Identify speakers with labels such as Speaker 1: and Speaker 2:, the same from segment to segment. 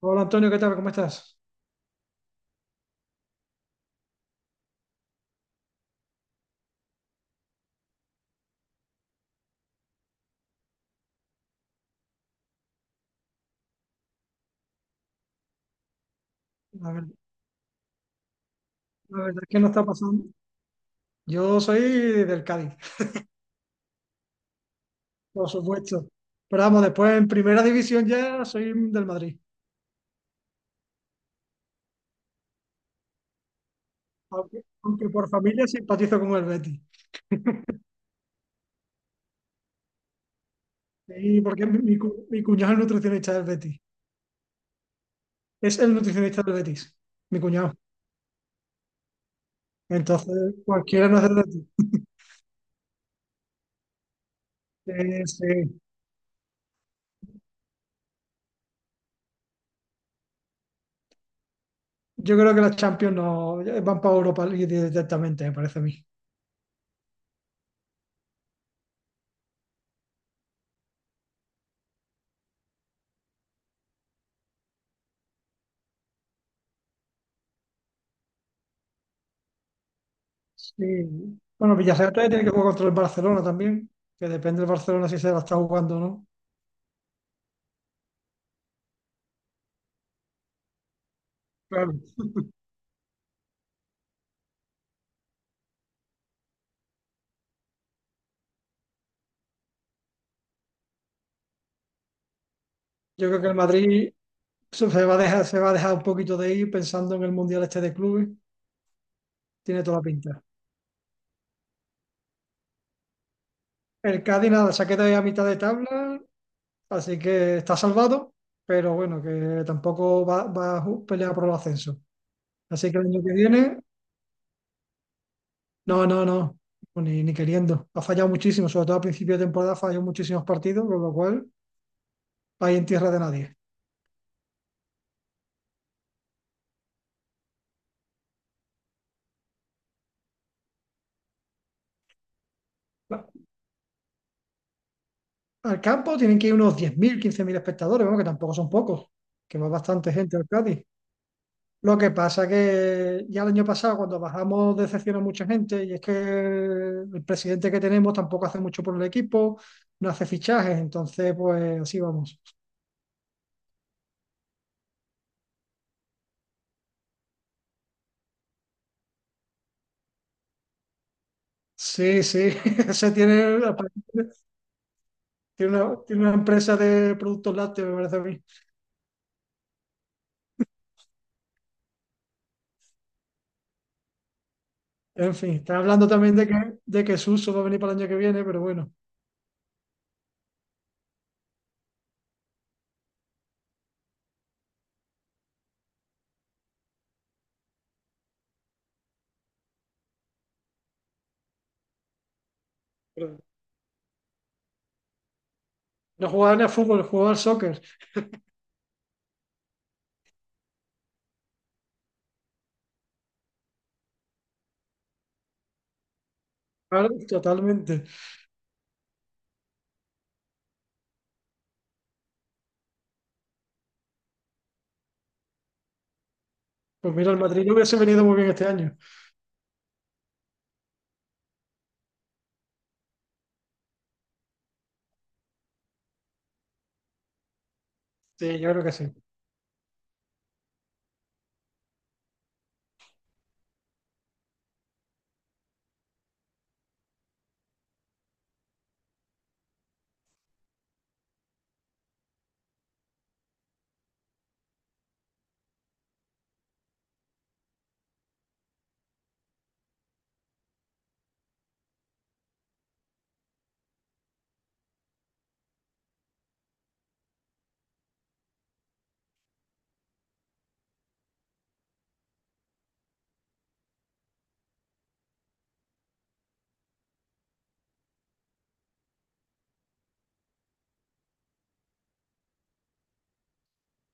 Speaker 1: Hola Antonio, ¿qué tal? ¿Cómo estás? La ver- la verdad, es que no está pasando. Yo soy del Cádiz, por supuesto. Pero vamos, después en primera división ya soy del Madrid. Aunque por familia simpatizo con el Betis. Sí, porque mi cuñado es nutricionista del Betis. Es el nutricionista del Betis, mi cuñado. Entonces, cualquiera no es del Betis. Sí. Yo creo que las Champions no van para Europa League directamente, me parece a mí. Sí. Bueno, Villarreal todavía tiene que jugar contra el Barcelona también, que depende del Barcelona si se la está jugando o no. Claro. Yo creo que el Madrid se va a dejar, se va a dejar un poquito de ir pensando en el Mundial este de clubes. Tiene toda la pinta. El Cádiz nada, se ha quedado ahí a mitad de tabla, así que está salvado, pero bueno, que tampoco va a pelear por el ascenso. Así que el año que viene, no, no, no, ni, ni queriendo. Ha fallado muchísimo, sobre todo a principio de temporada, falló muchísimos partidos, con lo cual ahí en tierra de nadie. Al campo tienen que ir unos 10.000, 15.000 espectadores, bueno, que tampoco son pocos, que va bastante gente al Cádiz. Lo que pasa que ya el año pasado, cuando bajamos, decepcionó a mucha gente, y es que el presidente que tenemos tampoco hace mucho por el equipo, no hace fichajes, entonces, pues así vamos. Sí, sí, ese tiene, tiene una empresa de productos lácteos, me parece a mí. En fin, está hablando también de que Suso va a venir para el año que viene, pero bueno, pero no jugaba ni a fútbol, jugaba al soccer. Claro, totalmente. Pues mira, el Madrid no hubiese venido muy bien este año. Sí, yo creo que sí.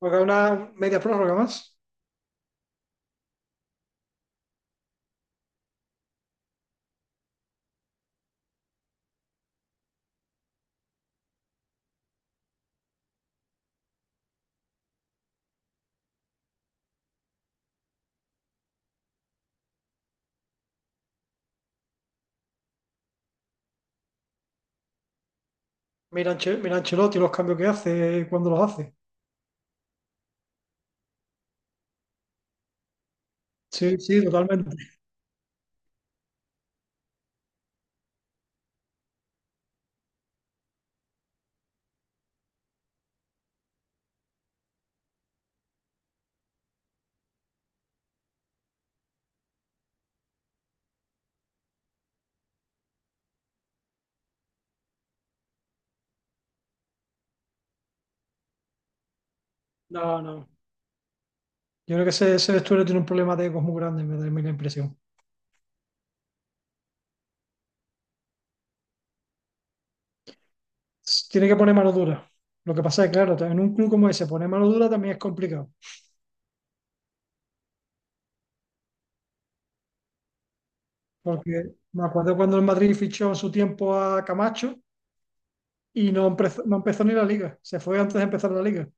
Speaker 1: Porque hay una media prórroga más. Mira, mira Ancelotti, los cambios que hace, cuándo los hace. Sí, sí, totalmente. No, no. Yo creo que ese vestuario tiene un problema de egos muy grande, me da a mí la impresión. Tiene que poner mano dura. Lo que pasa es, que, claro, en un club como ese, poner mano dura también es complicado. Porque me acuerdo cuando el Madrid fichó en su tiempo a Camacho y no empezó ni la liga. Se fue antes de empezar la liga.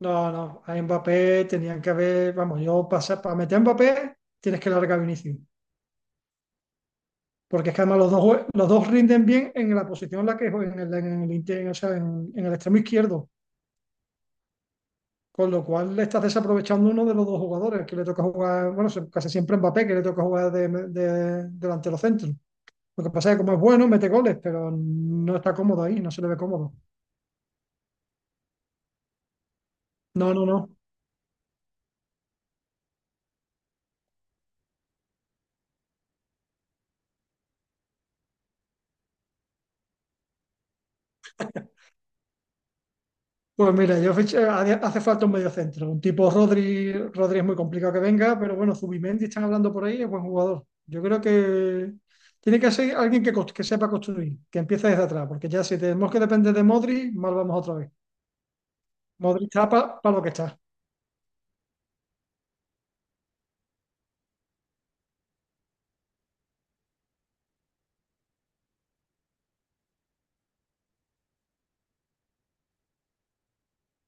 Speaker 1: No, no, a Mbappé tenían que haber, vamos, yo pasa, para meter a Mbappé tienes que largar a Vinicius, porque es que además los dos rinden bien en la posición en la que juegan, en el inter- o sea, en el extremo izquierdo, con lo cual le estás desaprovechando uno de los dos jugadores, que le toca jugar, bueno, casi siempre a Mbappé, que le toca jugar de delantero centro. Lo que pasa es que como es bueno, mete goles, pero no está cómodo ahí, no se le ve cómodo. No, no, no. Pues mira, yo fiché- hace hace falta un mediocentro. Un tipo Rodri, Rodri es muy complicado que venga, pero bueno, Zubimendi están hablando por ahí, es buen jugador. Yo creo que tiene que ser alguien que, que sepa construir, que empiece desde atrás, porque ya si tenemos que depender de Modri, mal vamos otra vez. Modri está para lo que está.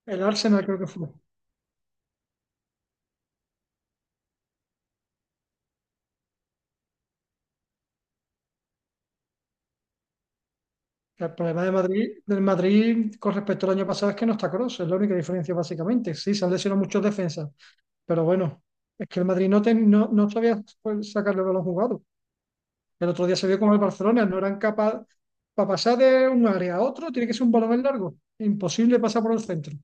Speaker 1: El Arsenal creo que fue. El problema de del Madrid con respecto al año pasado es que no está Kroos, es la única diferencia básicamente. Sí, se han lesionado muchos defensas, pero bueno, es que el Madrid no sabía pues, sacarle el balón jugado. El otro día se vio con el Barcelona, no eran capaces para pasar de un área a otro, tiene que ser un balón en largo. Imposible pasar por el centro.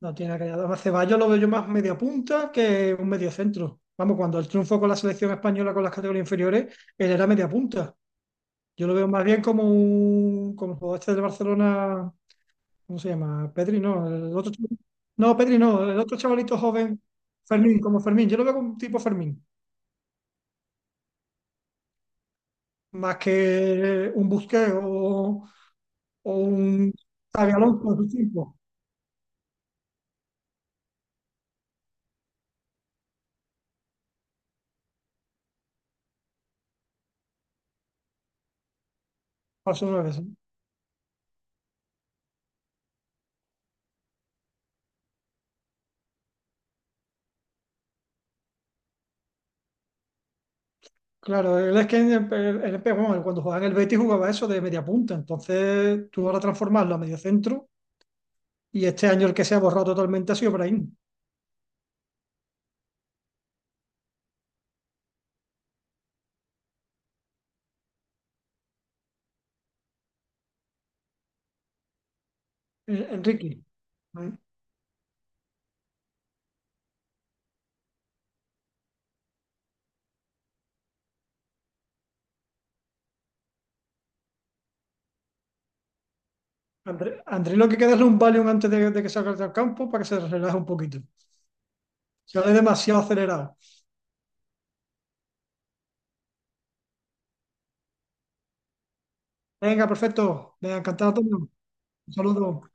Speaker 1: No tiene que Además, Ceballos lo veo yo más media punta que un medio centro. Vamos, cuando el triunfo con la selección española con las categorías inferiores, él era media punta. Yo lo veo más bien como un como el jugador este del Barcelona, ¿cómo se llama? Pedri, no, el otro chaval- no, Pedri no, el otro chavalito joven, Fermín, como Fermín. Yo lo veo como un tipo Fermín, más que un Busquets o un Xabi Alonso en su tiempo, falso nueve, sí. Claro, él es que en el- bueno, cuando jugaba en el Betis jugaba eso de media punta, entonces tú ahora transformarlo a medio centro y este año el que se ha borrado totalmente ha sido Brahim, Enrique. ¿No? André, André lo que queda es un Valium antes de que salga del campo para que se relaje un poquito. Se ve demasiado acelerado. Venga, perfecto. Venga, encantado, Antonio. Un saludo.